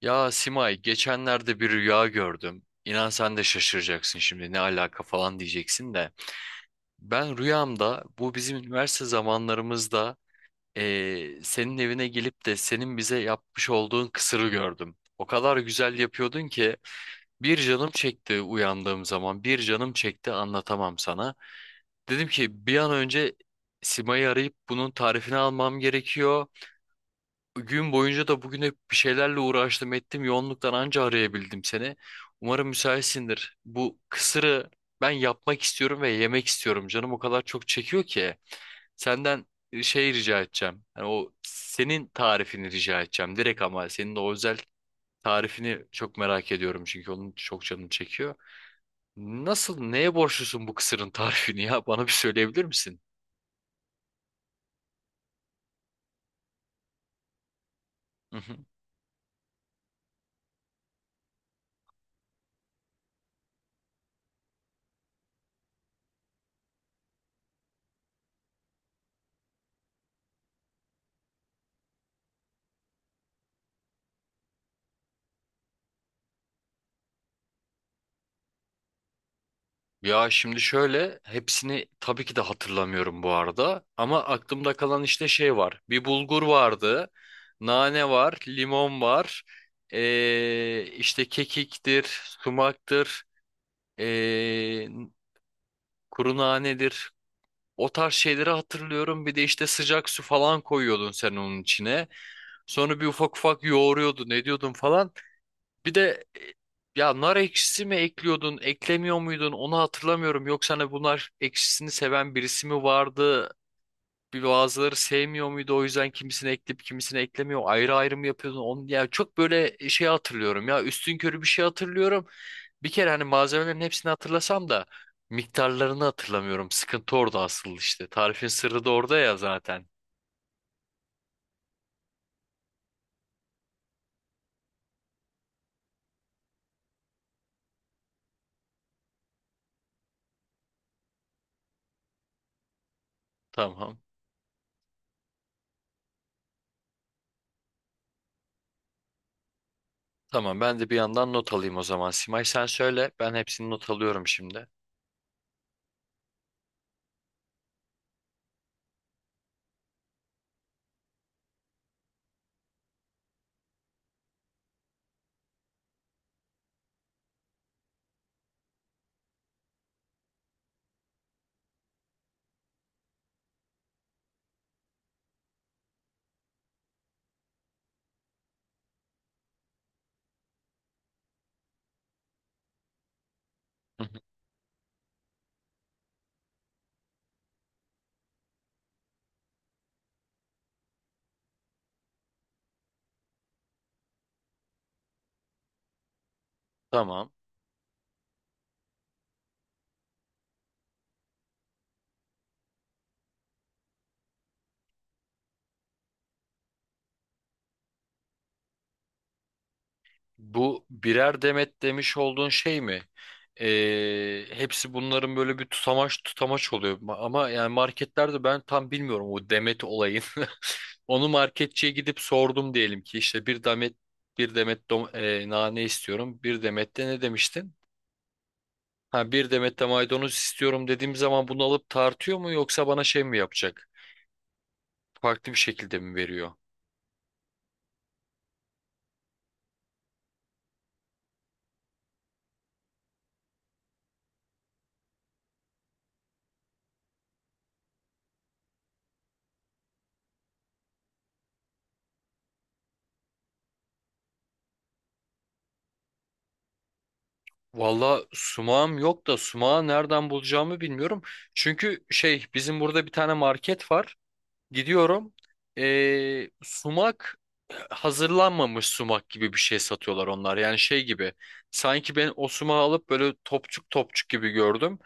Ya Simay, geçenlerde bir rüya gördüm. İnan sen de şaşıracaksın şimdi ne alaka falan diyeceksin de. Ben rüyamda bu bizim üniversite zamanlarımızda senin evine gelip de senin bize yapmış olduğun kısırı gördüm. O kadar güzel yapıyordun ki bir canım çekti uyandığım zaman bir canım çekti anlatamam sana. Dedim ki bir an önce Simay'ı arayıp bunun tarifini almam gerekiyor. Gün boyunca da bugün hep bir şeylerle uğraştım ettim. Yoğunluktan anca arayabildim seni. Umarım müsaitsindir. Bu kısırı ben yapmak istiyorum ve yemek istiyorum. Canım o kadar çok çekiyor ki. Senden şey rica edeceğim. Yani o senin tarifini rica edeceğim. Direkt ama senin de o özel tarifini çok merak ediyorum. Çünkü onun çok canım çekiyor. Nasıl, neye borçlusun bu kısırın tarifini ya? Bana bir söyleyebilir misin? Ya şimdi şöyle hepsini tabii ki de hatırlamıyorum bu arada ama aklımda kalan işte şey var. Bir bulgur vardı, nane var, limon var, işte kekiktir, sumaktır, ee, kuru nanedir. O tarz şeyleri hatırlıyorum. Bir de işte sıcak su falan koyuyordun sen onun içine. Sonra bir ufak ufak yoğuruyordun, ne diyordun falan. Bir de ya nar ekşisi mi ekliyordun, eklemiyor muydun onu hatırlamıyorum. Yoksa hani bunlar ekşisini seven birisi mi vardı? Bir bazıları sevmiyor muydu o yüzden kimisini ekleyip kimisini eklemiyor. Ayrı ayrı mı yapıyordun? Onu, yani çok böyle şey hatırlıyorum ya üstünkörü bir şey hatırlıyorum. Bir kere hani malzemelerin hepsini hatırlasam da miktarlarını hatırlamıyorum. Sıkıntı orada asıl işte. Tarifin sırrı da orada ya zaten. Tamam. Tamam ben de bir yandan not alayım o zaman. Simay sen söyle ben hepsini not alıyorum şimdi. Hı hı. Tamam. Bu birer demet demiş olduğun şey mi? Hepsi bunların böyle bir tutamaç tutamaç oluyor. Ama yani marketlerde ben tam bilmiyorum o demet olayın. Onu marketçiye gidip sordum diyelim ki işte bir demet nane istiyorum. Bir demet de ne demiştin? Ha bir demet de maydanoz istiyorum dediğim zaman bunu alıp tartıyor mu yoksa bana şey mi yapacak? Farklı bir şekilde mi veriyor? Valla sumağım yok da sumağı nereden bulacağımı bilmiyorum. Çünkü şey bizim burada bir tane market var. Gidiyorum. Sumak hazırlanmamış sumak gibi bir şey satıyorlar onlar. Yani şey gibi. Sanki ben o sumağı alıp böyle topçuk topçuk gibi gördüm.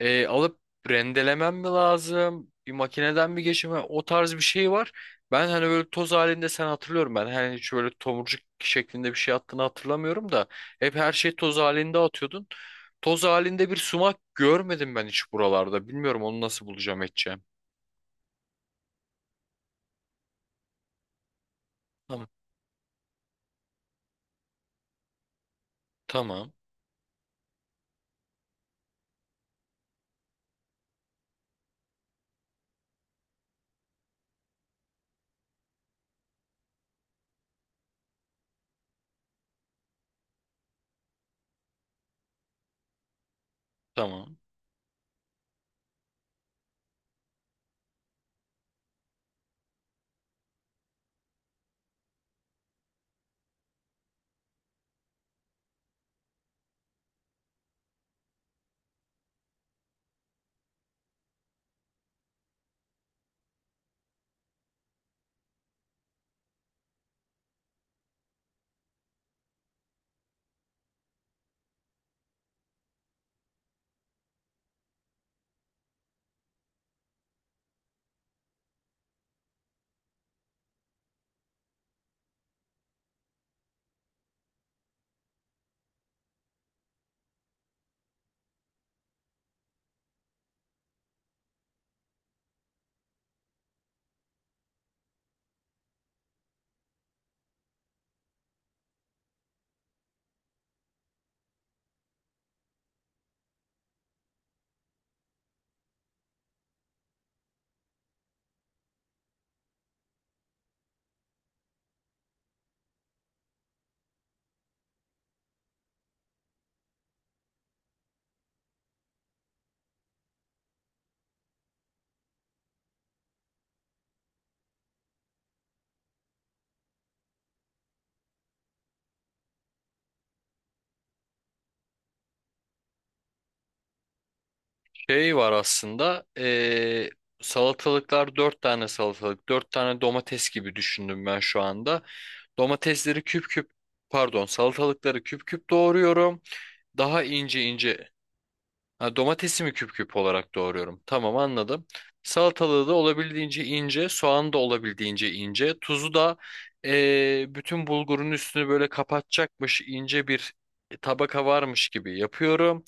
Alıp rendelemem mi lazım? Bir makineden mi geçirmem? O tarz bir şey var. Ben hani böyle toz halinde sen hatırlıyorum ben. Hani hiç böyle tomurcuk şeklinde bir şey attığını hatırlamıyorum da. Hep her şey toz halinde atıyordun. Toz halinde bir sumak görmedim ben hiç buralarda. Bilmiyorum onu nasıl bulacağım edeceğim. Tamam. Tamam. Tamam. Şey var aslında. Salatalıklar dört tane salatalık. Dört tane domates gibi düşündüm ben şu anda. Domatesleri küp küp Pardon salatalıkları küp küp doğruyorum. Daha ince ince ha, domatesimi küp küp olarak doğruyorum. Tamam anladım. Salatalığı da olabildiğince ince, soğanı da olabildiğince ince, tuzu da bütün bulgurun üstünü böyle kapatacakmış ince bir tabaka varmış gibi yapıyorum.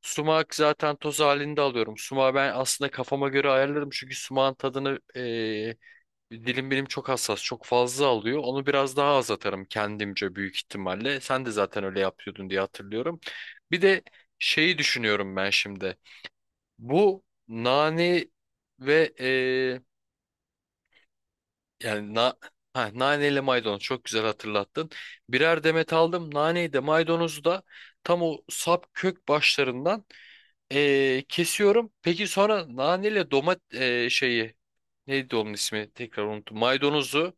Sumak zaten toz halinde alıyorum. Sumağı ben aslında kafama göre ayarlarım çünkü sumağın tadını dilim benim çok hassas, çok fazla alıyor. Onu biraz daha az atarım kendimce büyük ihtimalle. Sen de zaten öyle yapıyordun diye hatırlıyorum. Bir de şeyi düşünüyorum ben şimdi. Bu nane ve e, yani na, ha, nane ile maydanoz çok güzel hatırlattın. Birer demet aldım. Naneyi de maydanozu da tam o sap kök başlarından kesiyorum. Peki sonra nane ile şeyi neydi onun ismi? Tekrar unuttum. Maydanozu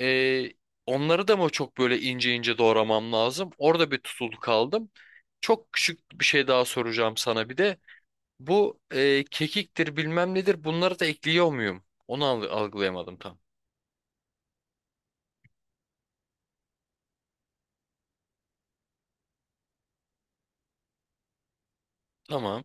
ee, Onları da mı çok böyle ince ince doğramam lazım? Orada bir tutuldu kaldım. Çok küçük bir şey daha soracağım sana bir de. Bu kekiktir bilmem nedir bunları da ekliyor muyum? Onu algılayamadım tam. Tamam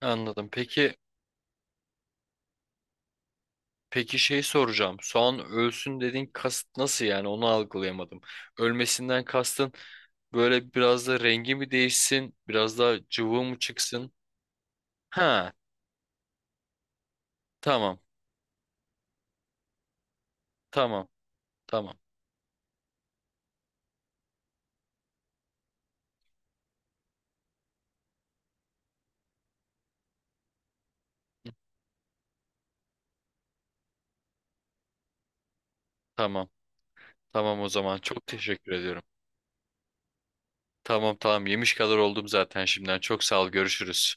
anladım. Peki peki şey soracağım. Soğan ölsün dediğin kasıt nasıl yani onu algılayamadım. Ölmesinden kastın böyle biraz da rengi mi değişsin? Biraz daha cıvı mı çıksın? Ha tamam tamam tamam tamam. Tamam o zaman. Çok teşekkür ediyorum. Tamam tamam yemiş kadar oldum zaten şimdiden. Çok sağ ol. Görüşürüz.